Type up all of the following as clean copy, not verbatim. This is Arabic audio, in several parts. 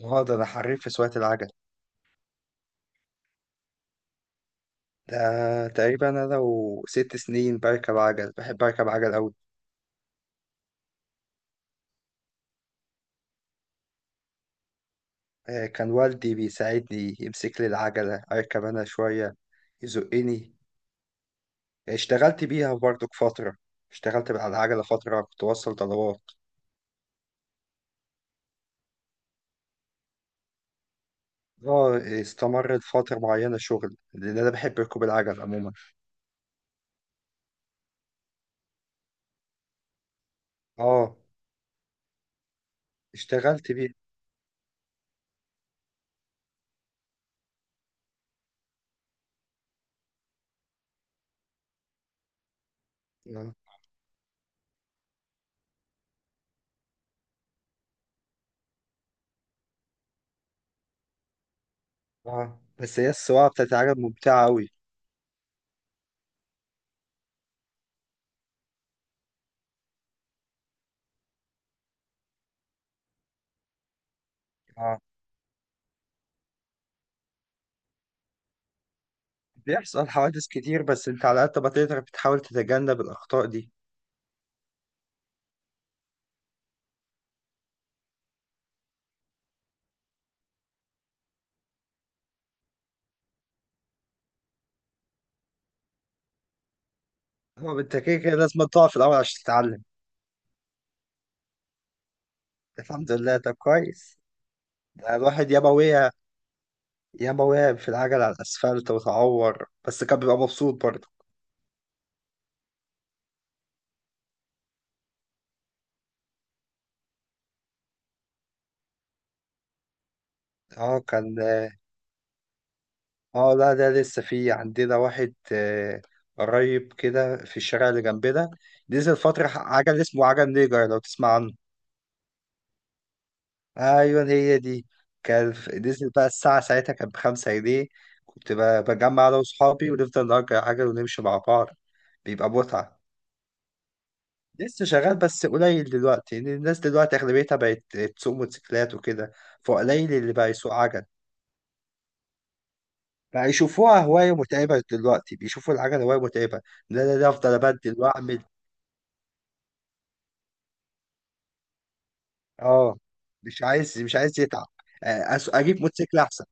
اه، ده انا حريف في سواقة العجل. ده تقريبا انا لو ست سنين بركب عجل، بحب اركب عجل قوي. كان والدي بيساعدني يمسك لي العجلة اركب انا شوية. يزقني. اشتغلت بيها برضك فترة. اشتغلت على العجلة فترة، كنت بوصل طلبات. اه، استمرت فترة معينة شغل لان انا بحب ركوب العجل عموما. اه، اشتغلت بيها. اه. آه. بس هي السواقة بتاعت العجل ممتعة قوي. بيحصل حوادث كتير، بس انت على قد ما تقدر بتحاول تتجنب الأخطاء دي. هو انت كده كده لازم تقع في الأول عشان تتعلم. الحمد لله، طب كويس. ده الواحد ياما وقع. ياما وقع في العجل على الأسفلت وتعور، بس كان بيبقى مبسوط برضه. اه، كان. اه، لا ده لسه في عندنا واحد. آه، قريب كده في الشارع اللي جنبنا. نزل فترة عجل اسمه عجل نيجر، لو تسمع عنه. ايوه، هي دي. نزل بقى الساعة، ساعتها كانت بخمسة جنيه. كنت بجمع انا وصحابي ونفضل نأجر عجل ونمشي مع بعض. بيبقى متعة. لسه شغال بس قليل دلوقتي، لأن الناس دلوقتي أغلبيتها بقت تسوق موتوسيكلات وكده. فقليل اللي بقى يسوق عجل. بقى يشوفوها هواية متعبة، دلوقتي بيشوفوا العجل هواية متعبة. لا، لا، لا، أفضل أبدل وأعمل. أه، مش عايز يتعب. أجيب موتوسيكل أحسن.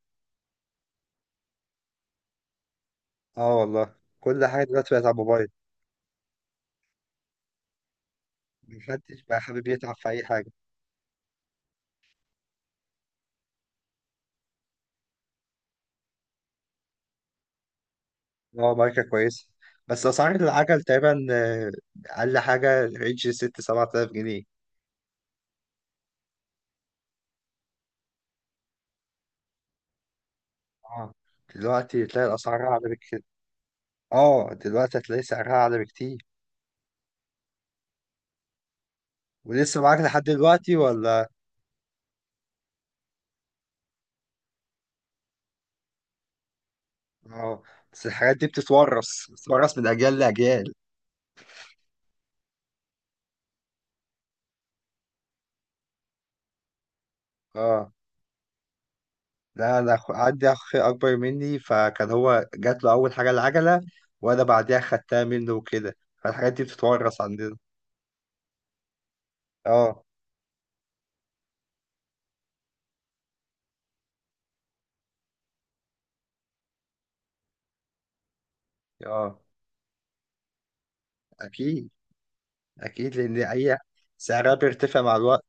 أه، والله كل حاجة دلوقتي بقت على الموبايل. محدش بقى حابب يتعب في أي حاجة. اه، ماركة كويسة. بس أسعار العجل تقريبا، أقل حاجة رينج ست سبعة آلاف جنيه. اه، دلوقتي تلاقي الأسعار أعلى بكتير. اه، دلوقتي هتلاقي سعرها أعلى بكتير. ولسه معاك لحد دلوقتي ولا؟ اه، بس الحاجات دي بتتورث من أجيال لأجيال. اه، لا أنا عندي أخ أكبر مني، فكان هو جات له أول حاجة العجلة. وأنا بعديها خدتها منه وكده. فالحاجات دي بتتورث عندنا. اه، اه، أكيد. اكيد لان هي سعرها بيرتفع مع الوقت.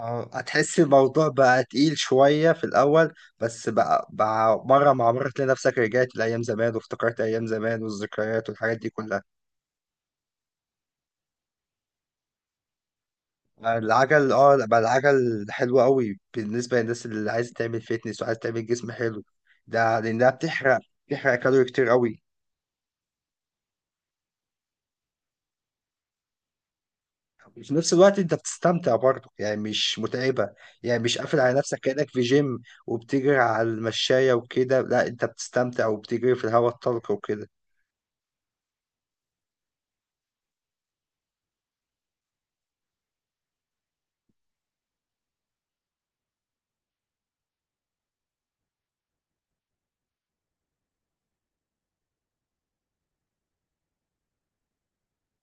اه، هتحس الموضوع بقى تقيل شوية في الأول. بس بقى مرة مع مرة تلاقي نفسك رجعت لأيام زمان، وافتكرت أيام زمان والذكريات والحاجات دي كلها. العجل، اه لا، بقى العجل حلو قوي بالنسبة للناس اللي عايزة تعمل فيتنس وعايزة تعمل جسم حلو. ده لأنها بتحرق. بتحرق كالوري كتير قوي. وفي نفس الوقت انت بتستمتع برضه، يعني مش متعبة. يعني مش قافل على نفسك كأنك في جيم وبتجري على المشاية وكده. لا، انت بتستمتع وبتجري في الهواء الطلق وكده.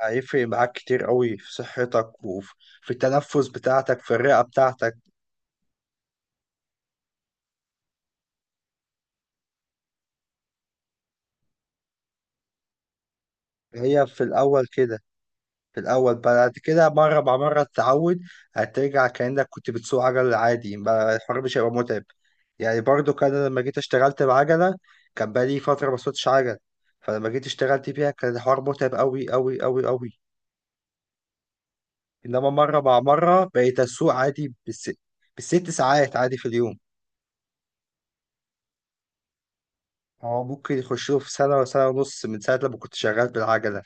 هيفرق معاك كتير قوي في صحتك، وفي في التنفس بتاعتك، في الرئة بتاعتك. هي في الأول كده. في الأول، بعد كده مرة مع مرة تتعود. هترجع كأنك كنت بتسوق عجل عادي، بقى الحوار مش هيبقى متعب. يعني برضو كان أنا لما جيت اشتغلت بعجلة، كان بقالي فترة ما سوقتش عجل. فلما جيت اشتغلت بيها كان الحوار متعب أوي أوي أوي أوي. إنما مرة مع مرة بقيت أسوق عادي بالست ساعات عادي في اليوم. هو ممكن يخشوا في سنة ولا سنة ونص من ساعة لما كنت شغال بالعجلة.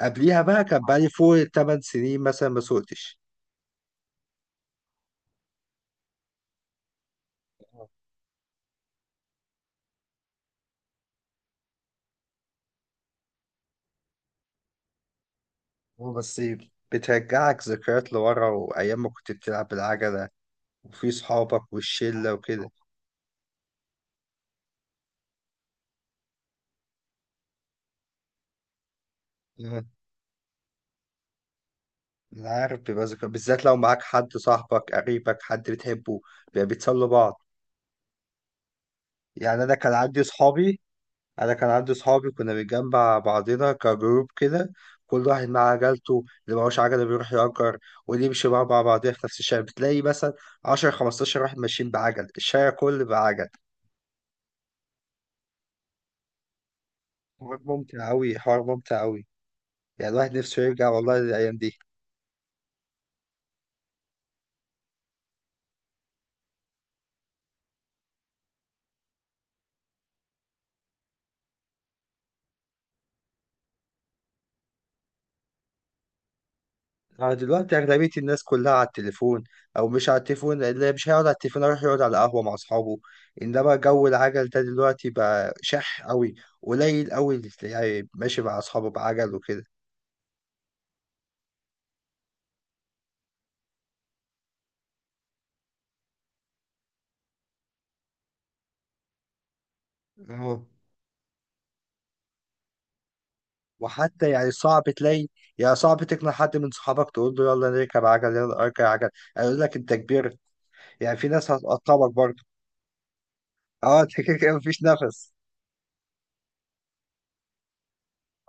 قبليها بقى كان بقالي فوق تمن سنين مثلا ما سوقتش. هو بس بترجعك ذكريات لورا وأيام ما كنت بتلعب بالعجلة، وفي صحابك والشلة وكده. أه. أنا عارف بيبقى ذكريات، بالذات لو معاك حد صاحبك قريبك حد بتحبه، بيبقى بتسلوا بعض. يعني أنا كان عندي صحابي كنا بنجمع بعضنا كجروب كده. كل واحد معاه عجلته، اللي معهوش عجلة بيروح يأجر. ونمشي بقى مع بعضنا في نفس الشارع، بتلاقي مثلا 10 15 واحد ماشيين بعجل، الشارع كله بعجل. حوار ممتع أوي، حوار ممتع أوي. يعني الواحد نفسه يرجع والله للأيام دي. أنا دلوقتي أغلبية الناس كلها على التليفون. أو مش على التليفون، اللي مش هيقعد على التليفون يروح يقعد على قهوة مع أصحابه. إنما جو العجل ده دلوقتي بقى شح أوي. قليل أوي اللي تلاقيه ماشي مع أصحابه بعجل وكده. اه، وحتى يعني صعب تلاقي. يعني صعب تقنع حد من صحابك تقول له يلا نركب عجل، يلا اركب عجل. هيقول لك انت كبرت. يعني في ناس هتقطعك برضه. اه، انت كده كده مفيش نفس.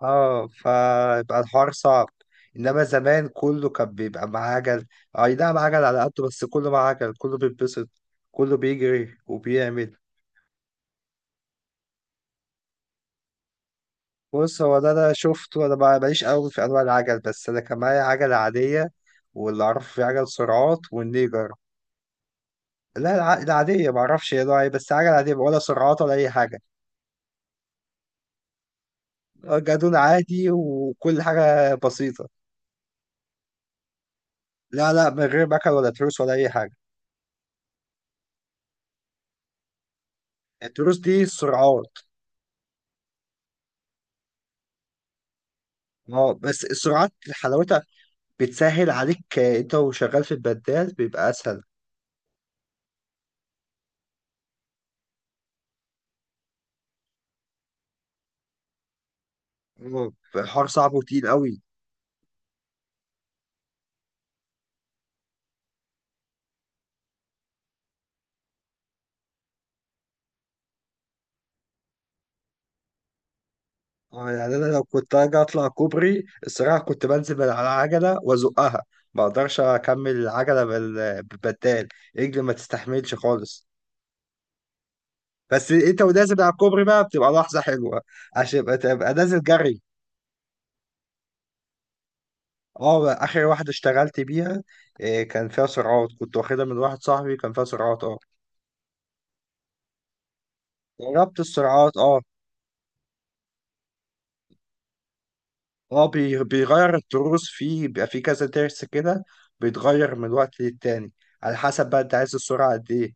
اه، فيبقى الحوار صعب. انما زمان كله كان بيبقى معاه عجل. اي نعم عجل على قده، بس كله معاه عجل، كله بيتبسط، كله بيجري وبيعمل. بص، هو ده انا شفته، انا ماليش قوي في انواع العجل، بس انا كان معايا عجلة عادية. واللي اعرفه في عجل سرعات والنيجر. لا، العادية ما اعرفش هي نوعها ايه، بس عجلة عادية ولا سرعات ولا اي حاجة. جادون عادي، وكل حاجة بسيطة. لا، لا، من غير مكن ولا تروس ولا اي حاجة. التروس دي السرعات. اه، بس السرعات حلاوتها بتسهل عليك، انت وشغال في البدال بيبقى اسهل. هو الحوار صعب وتقيل قوي. اه، يعني انا لو كنت اجي اطلع كوبري الصراحه كنت بنزل من على العجله وازقها. ما اقدرش اكمل العجله بالبدال. رجلي ما تستحملش خالص. بس انت ونازل على الكوبري بقى بتبقى لحظه حلوه، عشان تبقى نازل جري. اه، اخر واحده اشتغلت بيها كان فيها سرعات. كنت واخدها من واحد صاحبي، كان فيها سرعات. اه. جربت السرعات. اه. اه، بيغير التروس فيه، بيبقى فيه كذا ترس كده. بيتغير من وقت للتاني على حسب بقى انت عايز السرعة قد ايه.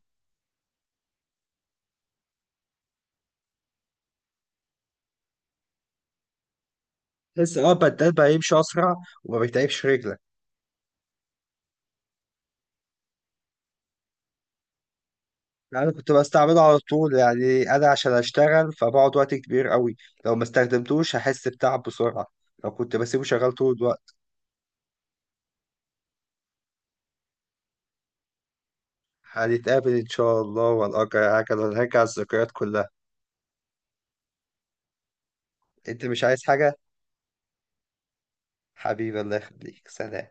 بس بدل بقى يمشي اسرع، وما بيتعبش رجلك. يعني انا كنت بستعمله على طول، يعني انا عشان اشتغل فبقعد وقت كبير قوي. لو ما استخدمتوش هحس بتعب بسرعة لو كنت بسيبه شغال طول الوقت. هنتقابل ان شاء الله، وهنأجر عجلة ونرجع الذكريات كلها. انت مش عايز حاجة؟ حبيبي، الله يخليك، سلام.